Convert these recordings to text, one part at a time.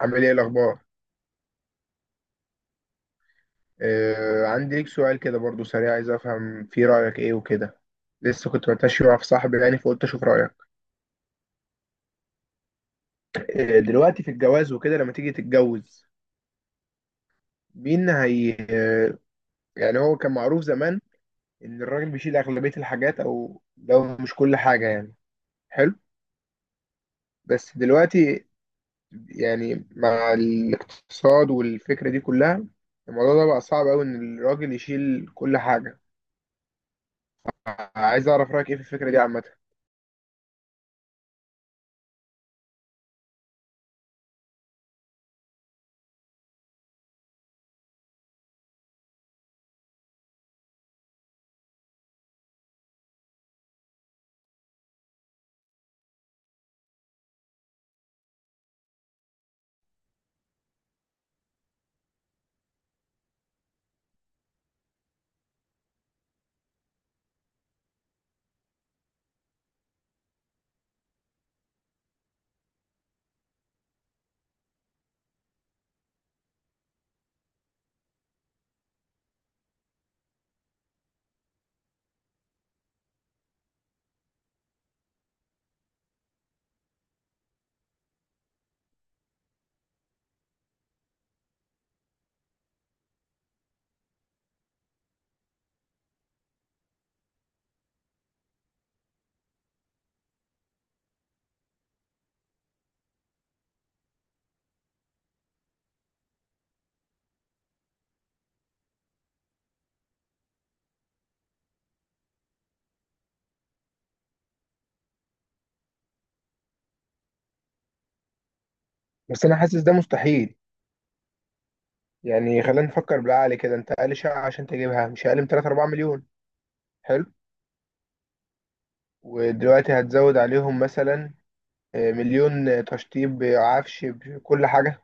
عامل ايه الاخبار؟ آه، عندي ليك سؤال كده برضو سريع. عايز افهم فيه رايك ايه وكده. لسه كنت بتمشي مع صاحبي يعني، فقلت اشوف رايك. آه، دلوقتي في الجواز وكده لما تيجي تتجوز. مين هي يعني؟ هو كان معروف زمان ان الراجل بيشيل اغلبيه الحاجات او لو مش كل حاجه يعني. حلو. بس دلوقتي، يعني مع الاقتصاد والفكره دي كلها، الموضوع ده بقى صعب قوي ان الراجل يشيل كل حاجه. عايز اعرف رايك ايه في الفكره دي عامه. بس انا حاسس ده مستحيل. يعني خلينا نفكر بالعقل كده، انت اقل شقة عشان تجيبها مش اقل من 3 4 مليون. حلو. ودلوقتي هتزود عليهم مثلا مليون، تشطيب بعفش بكل حاجة.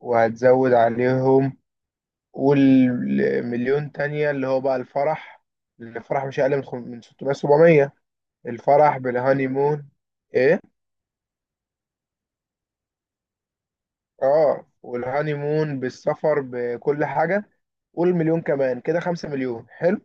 وهتزود عليهم، قول مليون تانية اللي هو بقى الفرح. الفرح مش اقل من من 600 700. الفرح بالهاني مون. ايه؟ اه، والهاني مون بالسفر بكل حاجة، قول مليون كمان كده 5 مليون. حلو.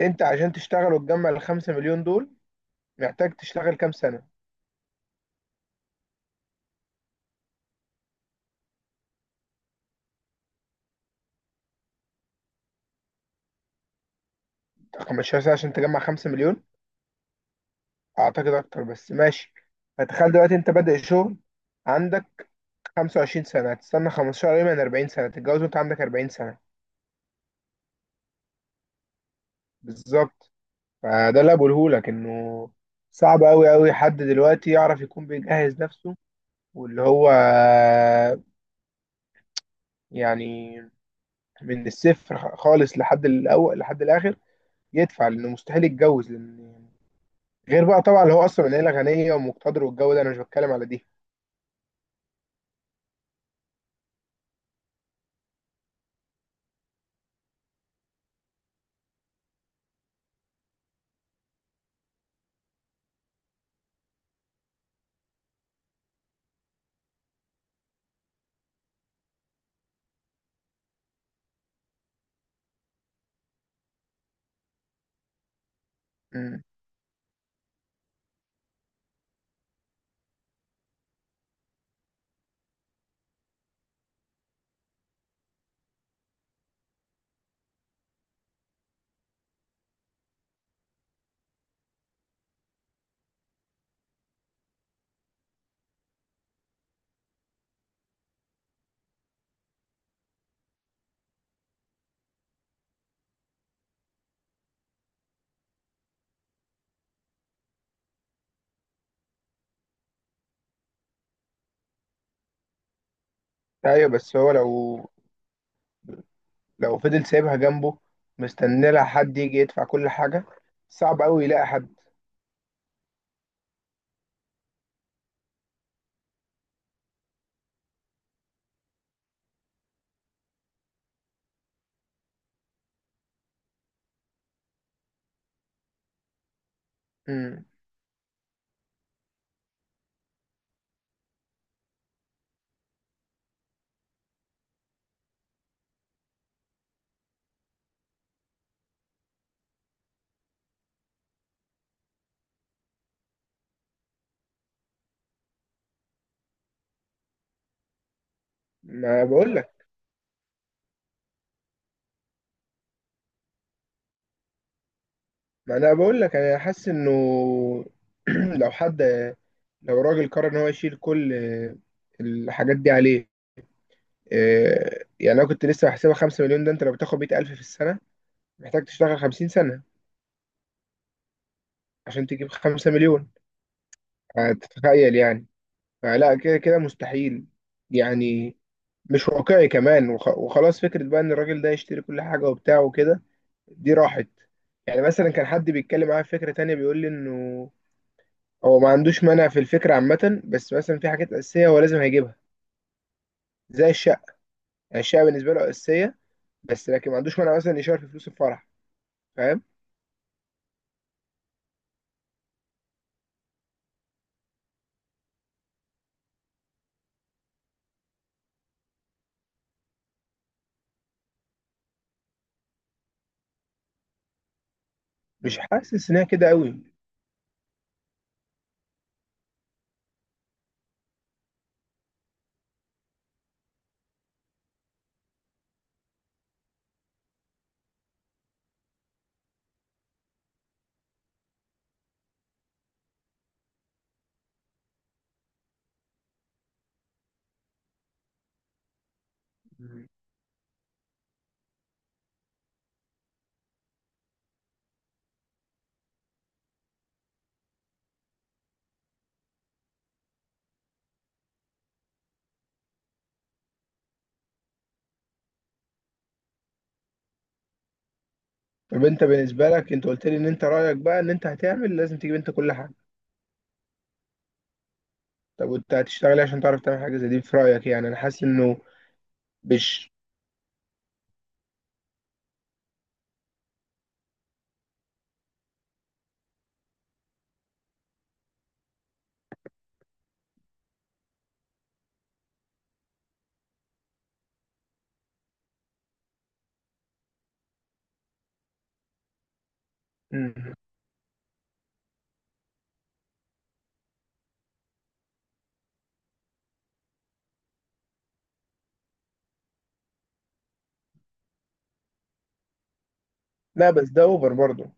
انت عشان تشتغل وتجمع ال 5 مليون دول محتاج تشتغل كام سنة؟ 15 سنة عشان تجمع 5 مليون؟ أعتقد أكتر بس ماشي. فتخيل دلوقتي أنت بادئ شغل، عندك 25 سنة، هتستنى 15، قريب من 40 سنة تتجوز وأنت عندك 40 سنة. بالظبط. فده اللي بقولهولك إنه صعب أوي أوي حد دلوقتي يعرف يكون بيجهز نفسه، واللي هو يعني من الصفر خالص لحد الأول لحد الآخر يدفع، لأنه مستحيل يتجوز لأن غير بقى طبعا اللي هو أصلا من عيلة غنية ومقتدر والجو ده، أنا مش بتكلم على دي. ايوه بس هو لو، لو فضل سايبها جنبه مستني لها حد يجي يدفع كل حاجه، صعب قوي يلاقي حد. امم. ما بقول لك، ما انا بقول لك انا حاسس انه لو حد، لو راجل قرر ان هو يشيل كل الحاجات دي عليه، يعني انا كنت لسه بحسبها 5 مليون. ده انت لو بتاخد 100,000 في السنه محتاج تشتغل 50 سنه عشان تجيب 5 مليون. هتتخيل يعني. فلا كده كده مستحيل، يعني مش واقعي كمان. وخلاص، فكرة بقى ان الراجل ده يشتري كل حاجة وبتاع وكده دي راحت. يعني مثلا كان حد بيتكلم معايا في فكرة تانية بيقول لي انه هو ما عندوش مانع في الفكرة عامة، بس مثلا في حاجات أساسية هو لازم هيجيبها زي الشقة. يعني الشقة بالنسبة له أساسية، بس لكن ما عندوش مانع مثلا يشارك في فلوس الفرح. فاهم؟ مش حاسس ان هي كده قوي. طب انت بالنسبة لك، انت قلت لي ان انت رأيك بقى ان انت هتعمل لازم تجيب انت كل حاجة. طب وانت هتشتغلي عشان تعرف تعمل حاجة زي دي؟ في رأيك، يعني انا حاسس انه مش. مم. لا، بس ده اوفر برضه.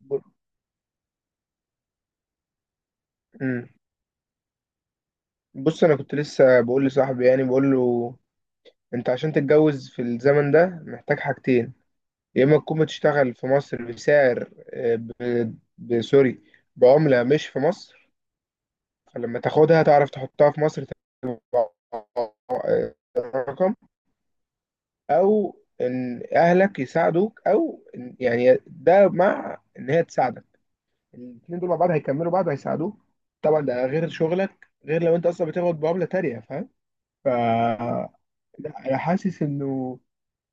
ب-. مم. بص، انا كنت لسه بقول لصاحبي، يعني بقول له انت عشان تتجوز في الزمن ده محتاج حاجتين. يا اما تكون بتشتغل في مصر بسعر سوري، بعملة مش في مصر، فلما تاخدها تعرف تحطها في مصر تبقى رقم. او ان اهلك يساعدوك، او يعني ده مع ان هي تساعدك. الاثنين دول مع بعض هيكملوا بعض وهيساعدوك. طبعا ده غير شغلك، غير لو انت اصلا بتاخد بعمله تانية. فاهم؟ ف. لا، انا حاسس انه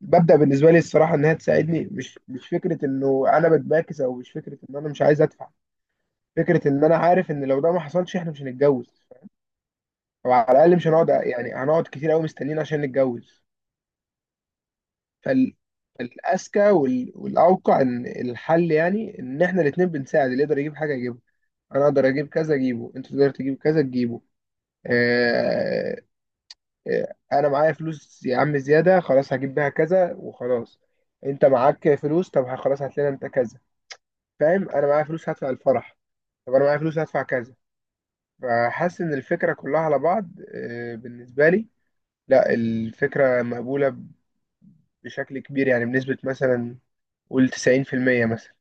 مبدأ بالنسبه لي الصراحه انها تساعدني، مش فكره انه انا بتباكس، او مش فكره ان انا مش عايز ادفع. فكره ان انا عارف ان لو ده ما حصلش احنا مش هنتجوز، او على الاقل مش هنقعد، يعني هنقعد كتير قوي مستنيين عشان نتجوز. فال الأذكى والأوقع إن الحل، يعني إن إحنا الاتنين بنساعد. اللي يقدر يجيب حاجة يجيبها، أنا أقدر أجيب كذا أجيبه، أنت تقدر تجيب كذا تجيبه. آه، انا معايا فلوس يا عم زياده، خلاص هجيب بيها كذا وخلاص. انت معاك فلوس طب خلاص هات لنا انت كذا. فاهم؟ انا معايا فلوس هدفع الفرح، طب انا معايا فلوس هدفع كذا. فحاسس ان الفكره كلها على بعض بالنسبه لي. لا، الفكره مقبوله بشكل كبير، يعني بنسبه مثلا قول 90% مثلا.